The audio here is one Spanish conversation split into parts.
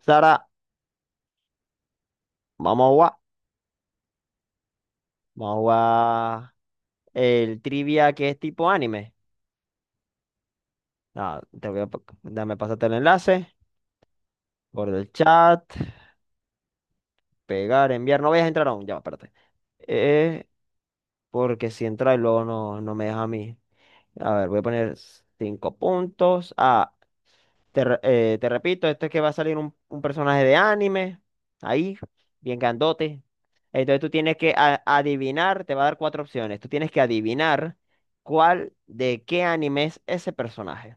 Sara, vamos a jugar. Vamos a jugar el trivia que es tipo anime. Nada, te voy a dame pasarte el enlace por el chat. Pegar, enviar. No vayas a entrar aún. Ya, va, espérate. Eh, porque si entra y luego no me deja a mí. A ver, voy a poner cinco puntos. Ah. Te repito, esto es que va a salir un personaje de anime, ahí, bien grandote. Entonces tú tienes que adivinar, te va a dar cuatro opciones. Tú tienes que adivinar cuál de qué anime es ese personaje.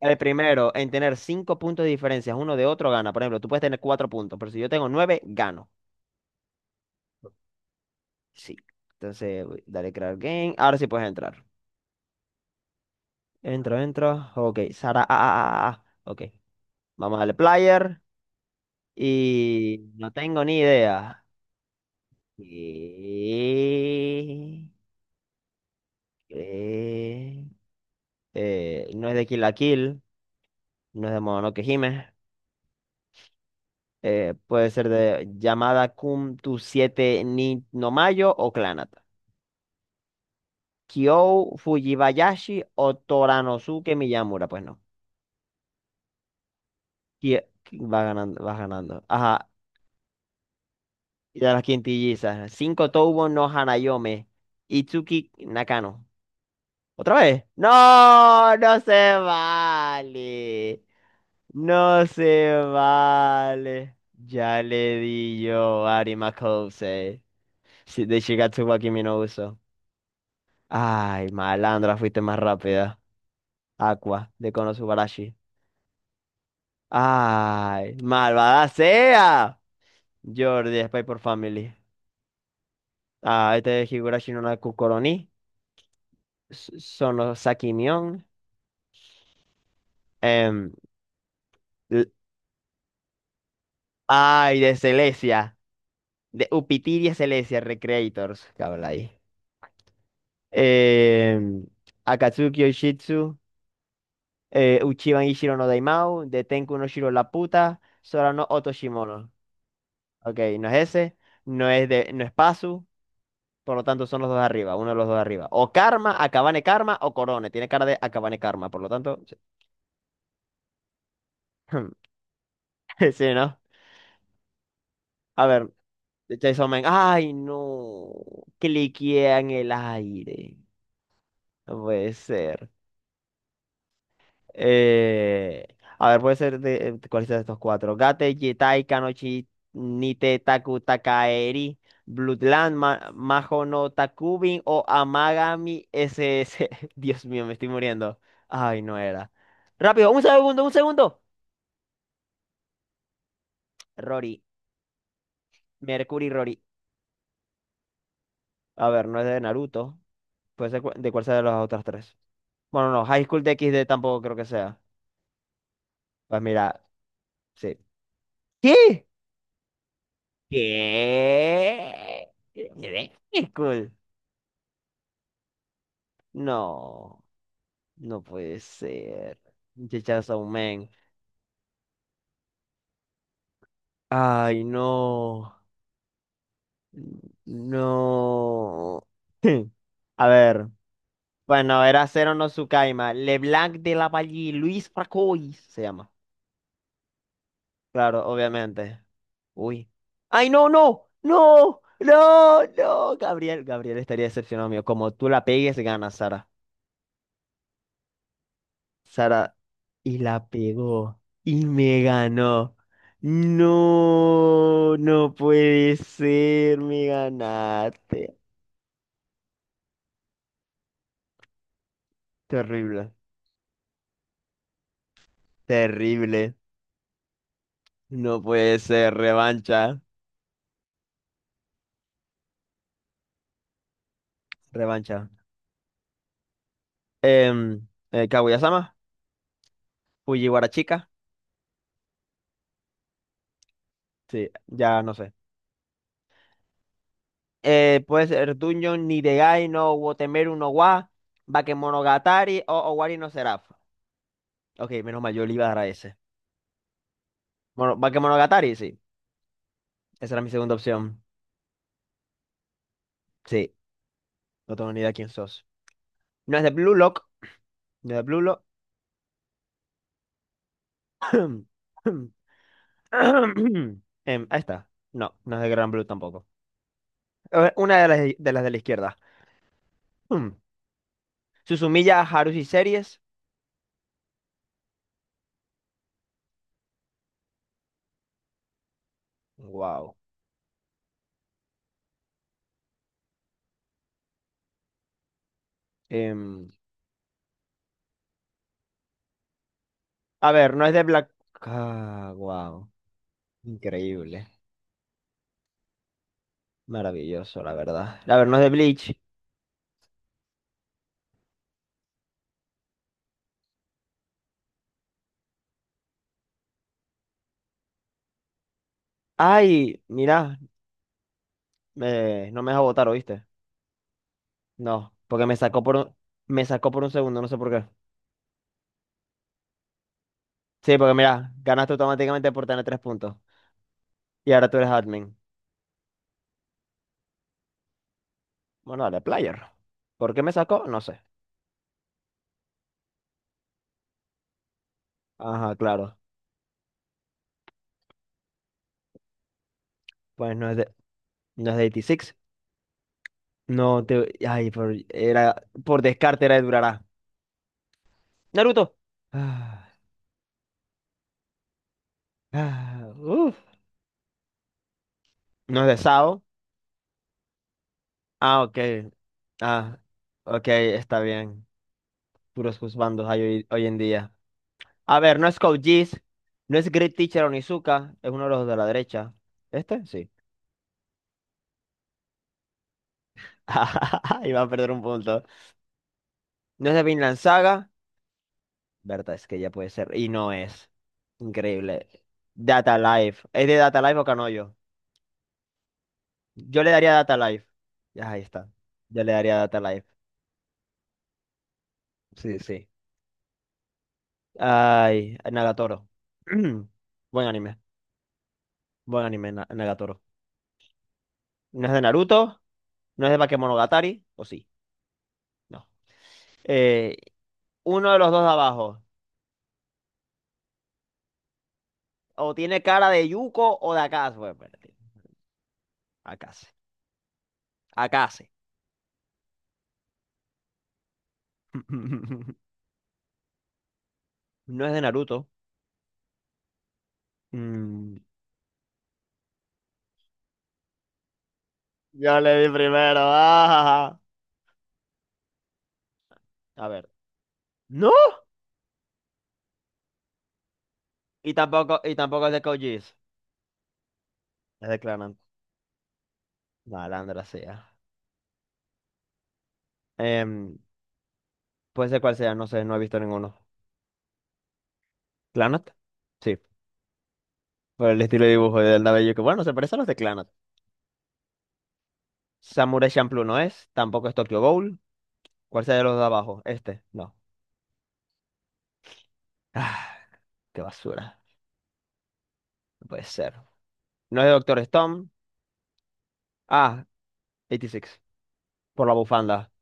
El primero en tener cinco puntos de diferencia uno de otro gana. Por ejemplo, tú puedes tener cuatro puntos, pero si yo tengo nueve, gano. Sí. Entonces, dale crear game. Ahora sí puedes entrar. Entro, entro. Ok, Sara. Ah, ah, ah, ah, ah. Ok. Vamos a darle player. Y no tengo ni idea. Y... eh, no es de Kill la Kill, no es de Mononoke Hime, puede ser de Yamada Kun tu siete ni no Mayo o Clanata. Kyo Fujibayashi o Toranosuke Miyamura, pues no. Ki- Va ganando, vas ganando. Ajá, y de las quintillizas. Cinco Toubo no Hanayome, Itsuki Nakano. ¿Otra vez? No, no se vale. No se vale. Ya le di yo a Ari Macouse. De Shigatsu wa Kimi no Uso. Ay, malandra, fuiste más rápida. Aqua, de Konosubarashi. Ay, malvada sea. Jordi, Spy por Family. Ah, este es Higurashi no Naku Koroni. Sono Sakimion. Em, l- ay, de Celestia. De Upitiria Celestia Recreators. ¿Qué habla ahí? eh, Akatsuki Yoshitsu, Uchiban Ichiro no Daimao, de Tenku no Shiro la puta, Sora no Oto Shimono. Ok, no es ese, no es Pazu, por lo tanto son los dos de arriba, uno de los dos de arriba. O Karma, Akabane Karma o Corone, tiene cara de Akabane Karma, por lo tanto, sí, sí, ¿no? A ver, Chainsaw Man, ay no, cliquea en el aire, no puede ser. Eh, a ver, puede ser de, ¿cuál es de estos cuatro? Gate, Jetai, Kanochi, Nite, Taku, Takaeri, Bloodland, Maho no Takubin o Amagami SS. Dios mío, me estoy muriendo. Ay, no era. Rápido, un segundo, un segundo. Rory, Mercury Rory. A ver, no es de Naruto. Puede ser de cuál sea de las otras tres. Bueno, no, High School de x DxD tampoco creo que sea. Pues mira, sí. ¿Qué? ¿Qué? Cool. No, no puede ser. Chichazo, man. Ay, no. No. A ver. Bueno, era Cero no Sukaima. LeBlanc de la Valle, Luis Fracois se llama. Claro, obviamente. Uy. ¡Ay, no, no! ¡No! ¡No! ¡No! Gabriel, Gabriel estaría decepcionado mío. Como tú la pegues, ganas, Sara. Sara, y la pegó y me ganó. No, no puede ser, me ganaste. Terrible, terrible. No puede ser, revancha, revancha. Kaguya-sama, Fujiwara-chika. Sí, ya no sé. Puede ser Dungeon Nidegai no Wotemeru no wa Bakemonogatari o Owari no Seraph. Ok, menos mal, yo le iba a dar a ese. Bueno, Bakemonogatari, sí. Esa era mi segunda opción. Sí, no tengo ni idea quién sos. No es de Blue Lock. No es de Blue Lock. Ahí está. No, no es de Gran Blue tampoco. A ver, una de las de, las de la izquierda. Hmm. Susumiya Haruhi Series. Wow. A ver, no es de Black. Ah, wow. Increíble. Maravilloso, la verdad. A ver, no es de Bleach. Ay, mira, no me deja votar, ¿oíste? No, porque me sacó por un segundo, no sé por qué. Sí, porque mira, ganaste automáticamente por tener tres puntos. Y ahora tú eres admin. Bueno, dale, player. ¿Por qué me sacó? No sé. Ajá, claro. Pues no es de 86. No te. Ay, por, era, por descarte era de Durará. Naruto. Ah, ah, uf. No es de Sao. Ah, ok. Ah, ok, está bien. Puros juzbandos hay hoy, hoy en día. A ver, no es Code Geass, no es Great Teacher Onizuka. Es uno de los de la derecha. ¿Este? Sí. Iba a perder un punto. No es de Vinland Saga. Verdad, es que ya puede ser. Y no es. Increíble. Data Life. ¿Es de Data Life o Canoyo? Yo le daría Data Life. Ya, ahí está. Yo le daría Data Life. Sí, sí. Ay, Nagatoro. Buen anime. Buen anime, Nagatoro. No es de Naruto, no es de Bakemonogatari, o sí. No. Eh, uno de los dos de abajo. O tiene cara de Yuko o de Akase. Bueno, espérate. Akase. Akase. No es de Naruto. Mm, yo le di primero. Ah. A ver. No. Y tampoco es de Code. Es de Clannad. No, Alandra, sí. Ah. Em, puede ser cual sea, no sé, no he visto ninguno. ¿Clannad? Sí. Por el estilo de dibujo del cabello que bueno, se parece a los de Clannad. Samurai Champloo no es, tampoco es Tokyo Ghoul. ¿Cuál sea de los de abajo? Este, no. Ah, qué basura. No puede ser. No es de Doctor Stone. Ah, 86. Por la bufanda.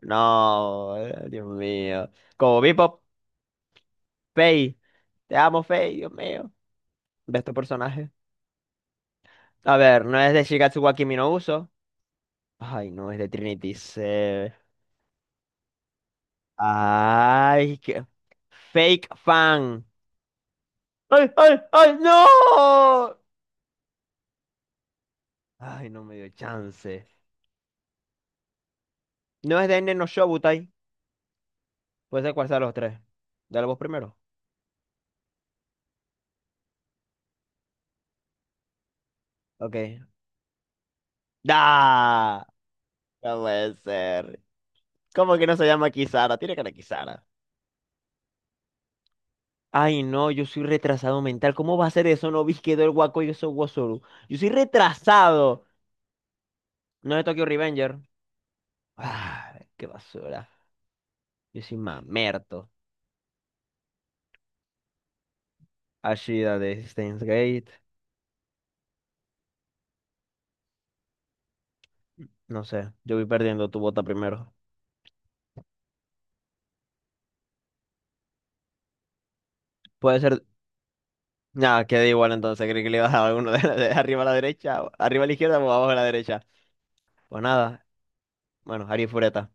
No, Dios mío. Como Bebop, Faye. Te amo, Faye, Dios mío. De estos personajes. A ver, no es de Shigatsu wa Kimi no Uso. Ay, no, es de Trinity Seven. Ay, qué... Fake fan. ¡Ay, ay, ay, no! Ay, no me dio chance. No es de Nen no Shobutai. Puede ser cuál sea de los tres. Dale vos primero. Ok. ¡Da! No puede ser. ¿Cómo que no se llama Kisara? Tiene cara de Kisara. Ay, no, yo soy retrasado mental. ¿Cómo va a ser eso? No vi que quedó el guaco y eso Wozoru. Yo soy retrasado. No es de Tokyo Revenger. Ah, qué basura. Yo soy mamerto. Ashida de Steins Gate. No sé, yo voy perdiendo tu bota primero. Puede ser. Nada, queda igual entonces. Creí que le ibas a dar alguno de, de arriba a la derecha, arriba a la izquierda o abajo a la derecha. Pues nada, bueno, Ari Fureta.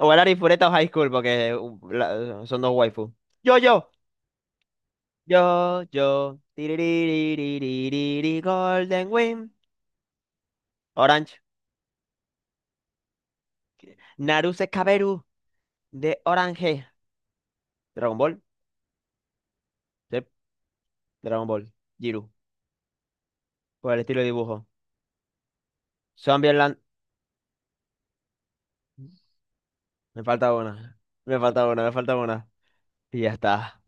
O el Ari Fureta o High School, porque son dos waifu. Yo, yo, yo, yo. Tiririririririri, Golden Wind. Orange. Naruse Kaberu de Orange. Dragon Ball. Sí, Dragon Ball. Jiru. Por el estilo de dibujo. Zombieland, me falta una, me falta una, me falta una. Y ya está.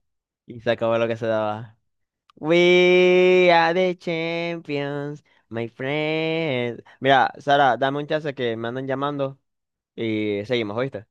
Y se acabó lo que se daba. We are the champions, my friend. Mira, Sara, dame un chance que me andan llamando y seguimos, ¿oíste?